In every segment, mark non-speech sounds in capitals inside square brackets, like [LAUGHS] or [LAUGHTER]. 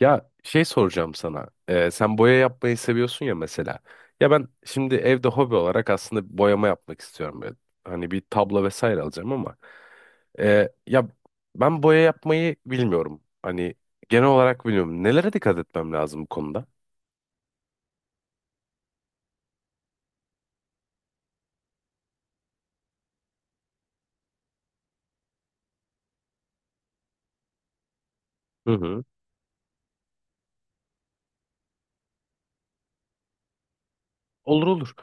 Ya şey soracağım sana. Sen boya yapmayı seviyorsun ya mesela. Ya ben şimdi evde hobi olarak aslında boyama yapmak istiyorum. Böyle. Hani bir tablo vesaire alacağım ama. Ee, ya ben boya yapmayı bilmiyorum. Hani genel olarak bilmiyorum. Nelere dikkat etmem lazım bu konuda? Hı hı. Olur olur.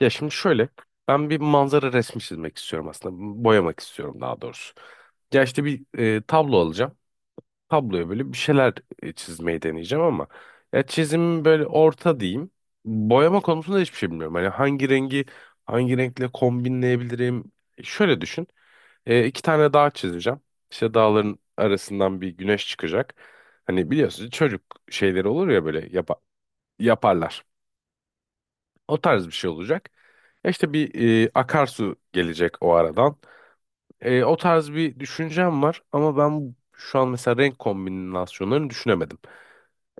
Ya şimdi şöyle. Ben bir manzara resmi çizmek istiyorum aslında. Boyamak istiyorum daha doğrusu. Ya işte bir tablo alacağım. Tabloya böyle bir şeyler çizmeyi deneyeceğim ama ya çizim böyle orta diyeyim. Boyama konusunda hiçbir şey bilmiyorum. Hani hangi rengi hangi renkle kombinleyebilirim? Şöyle düşün. İki tane dağ çizeceğim. İşte dağların arasından bir güneş çıkacak. Hani biliyorsunuz çocuk şeyleri olur ya böyle yaparlar. O tarz bir şey olacak. Ya İşte bir akarsu gelecek o aradan. O tarz bir düşüncem var ama ben şu an mesela renk kombinasyonlarını düşünemedim.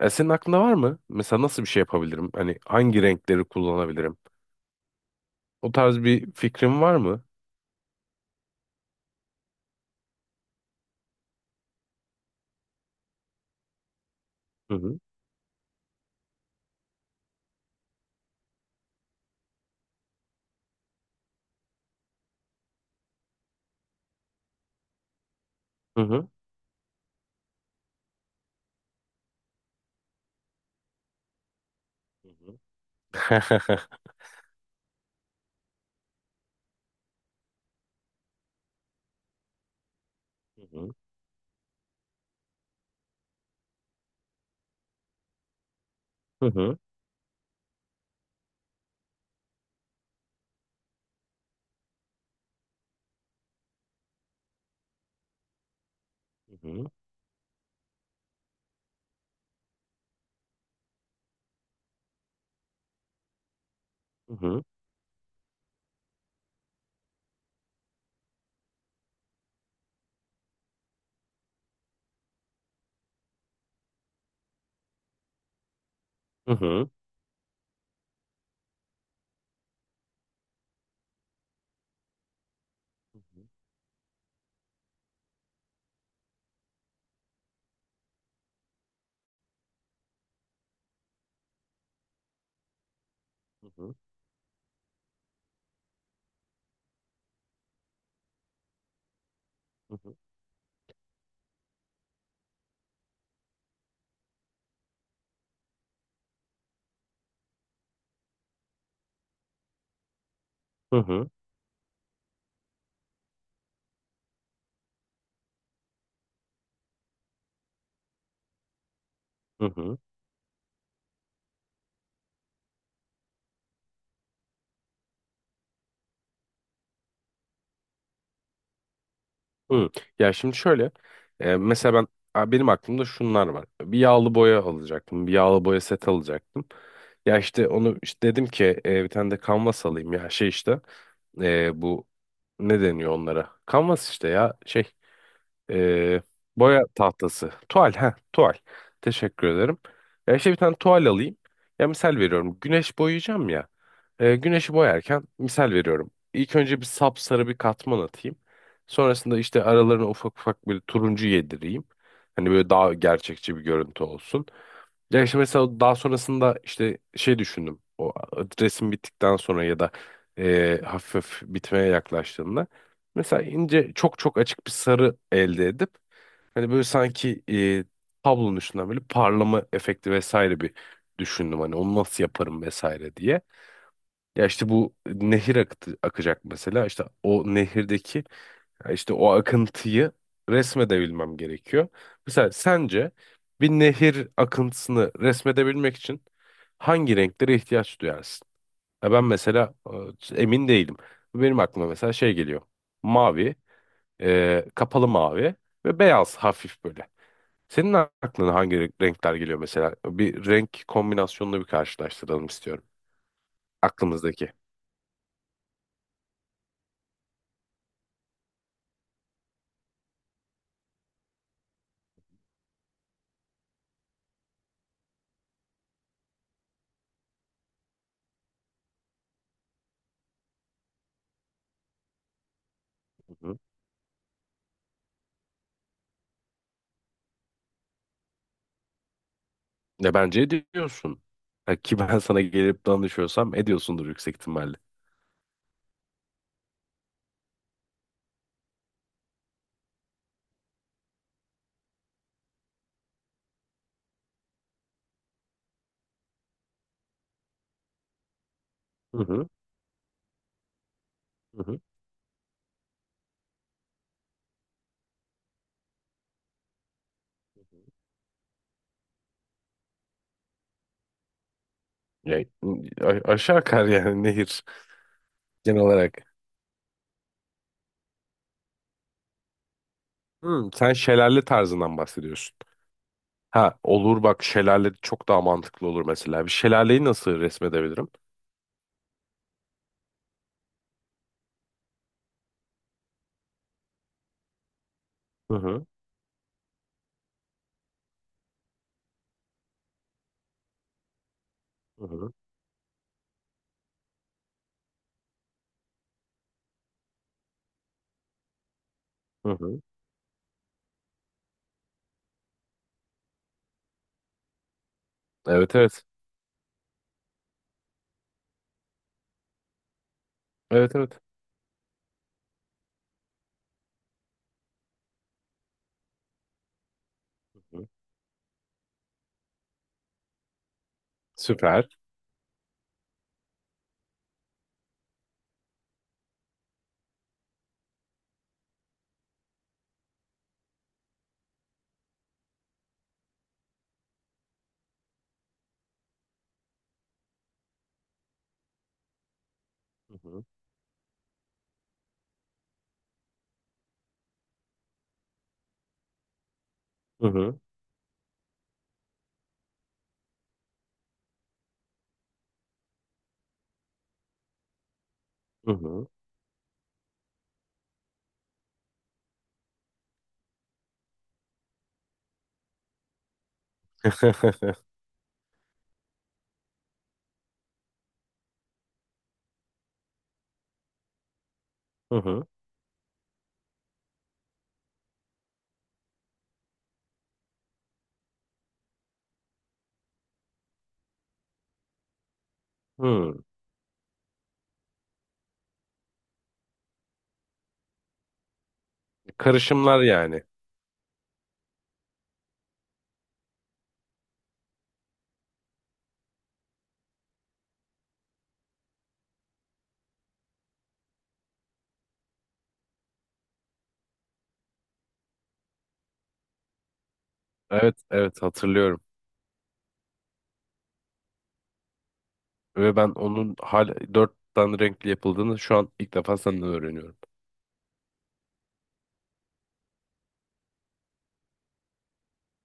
Senin aklında var mı? Mesela nasıl bir şey yapabilirim? Hani hangi renkleri kullanabilirim? O tarz bir fikrin var mı? Hı hı. Hı hı. Hı hı. [LAUGHS] Hı hı. Hı hı. Hı hı. Hı hı. Hı hı. Hı hı. Hı hı. Hı hı. Hı hı. Hı. Ya şimdi şöyle mesela benim aklımda şunlar var. Bir yağlı boya alacaktım. Bir yağlı boya set alacaktım. Ya işte onu işte dedim ki bir tane de kanvas alayım ya şey işte bu ne deniyor onlara? Kanvas işte ya şey ee, boya tahtası. Tuval. Ha, tuval. Teşekkür ederim. Ya işte bir tane tuval alayım. Ya misal veriyorum. Güneş boyayacağım ya. Güneşi boyarken misal veriyorum. İlk önce bir sapsarı bir katman atayım. Sonrasında işte aralarına ufak ufak bir turuncu yedireyim. Hani böyle daha gerçekçi bir görüntü olsun. Ya işte mesela daha sonrasında işte şey düşündüm. O resim bittikten sonra ya da hafif hafif bitmeye yaklaştığında. Mesela ince çok çok açık bir sarı elde edip hani böyle sanki tablonun üstünden böyle parlama efekti vesaire bir düşündüm. Hani onu nasıl yaparım vesaire diye. Ya işte bu akacak mesela işte o nehirdeki ya İşte o akıntıyı resmedebilmem gerekiyor. Mesela sence bir nehir akıntısını resmedebilmek için hangi renklere ihtiyaç duyarsın? Ya ben mesela emin değilim. Benim aklıma mesela şey geliyor. Mavi, kapalı mavi ve beyaz hafif böyle. Senin aklına hangi renkler geliyor mesela? Bir renk kombinasyonunu bir karşılaştıralım istiyorum. Aklımızdaki. Ne, bence ediyorsun. Ha, ki ben sana gelip danışıyorsam ediyorsundur yüksek ihtimalle. Hı hı. Hı hı. Ya, aşağı akar yani nehir genel olarak. Hı, sen şelale tarzından bahsediyorsun. Ha, olur bak, şelale çok daha mantıklı olur mesela. Bir şelaleyi nasıl resmedebilirim? Hı hı. Hı hı. Hı hı. Evet, evet. Evet, evet. Hı hı. Süper. Hı hı. Hı hı. Hı hı. [LAUGHS] Hı hı. Hı. Karışımlar yani. Evet, evet, hatırlıyorum. Ve ben onun hala dört tane renkli yapıldığını şu an ilk defa senden öğreniyorum.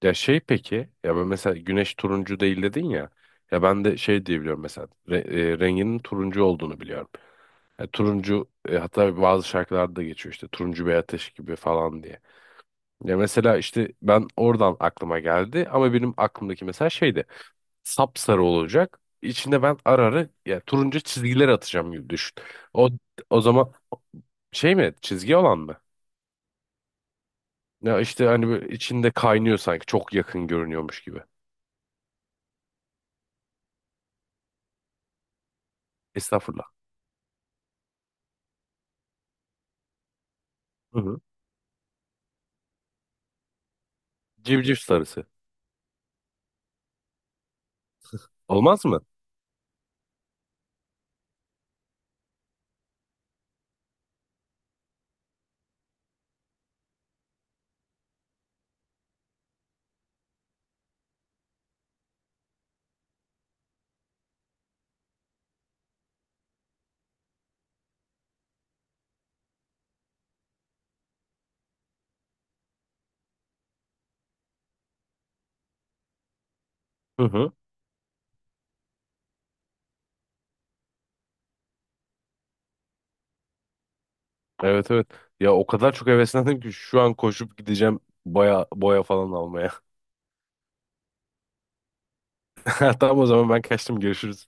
Ya şey peki, ya ben mesela güneş turuncu değil dedin ya. Ya ben de şey diyebiliyorum mesela renginin turuncu olduğunu biliyorum. Ya turuncu hatta bazı şarkılarda da geçiyor işte turuncu bir ateş gibi falan diye. Ya mesela işte ben oradan aklıma geldi ama benim aklımdaki mesela şeydi. Sapsarı olacak. İçinde ben ara ara ya turuncu çizgiler atacağım gibi düşün. O o zaman şey mi, çizgi olan mı? Ya işte hani böyle içinde kaynıyor sanki. Çok yakın görünüyormuş gibi. Estağfurullah. Hı hı. Civciv sarısı. Olmaz mı? Hı hı. Evet, evet. Ya o kadar çok heveslendim ki şu an koşup gideceğim boya boya falan almaya. [LAUGHS] Tamam, o zaman ben kaçtım. Görüşürüz.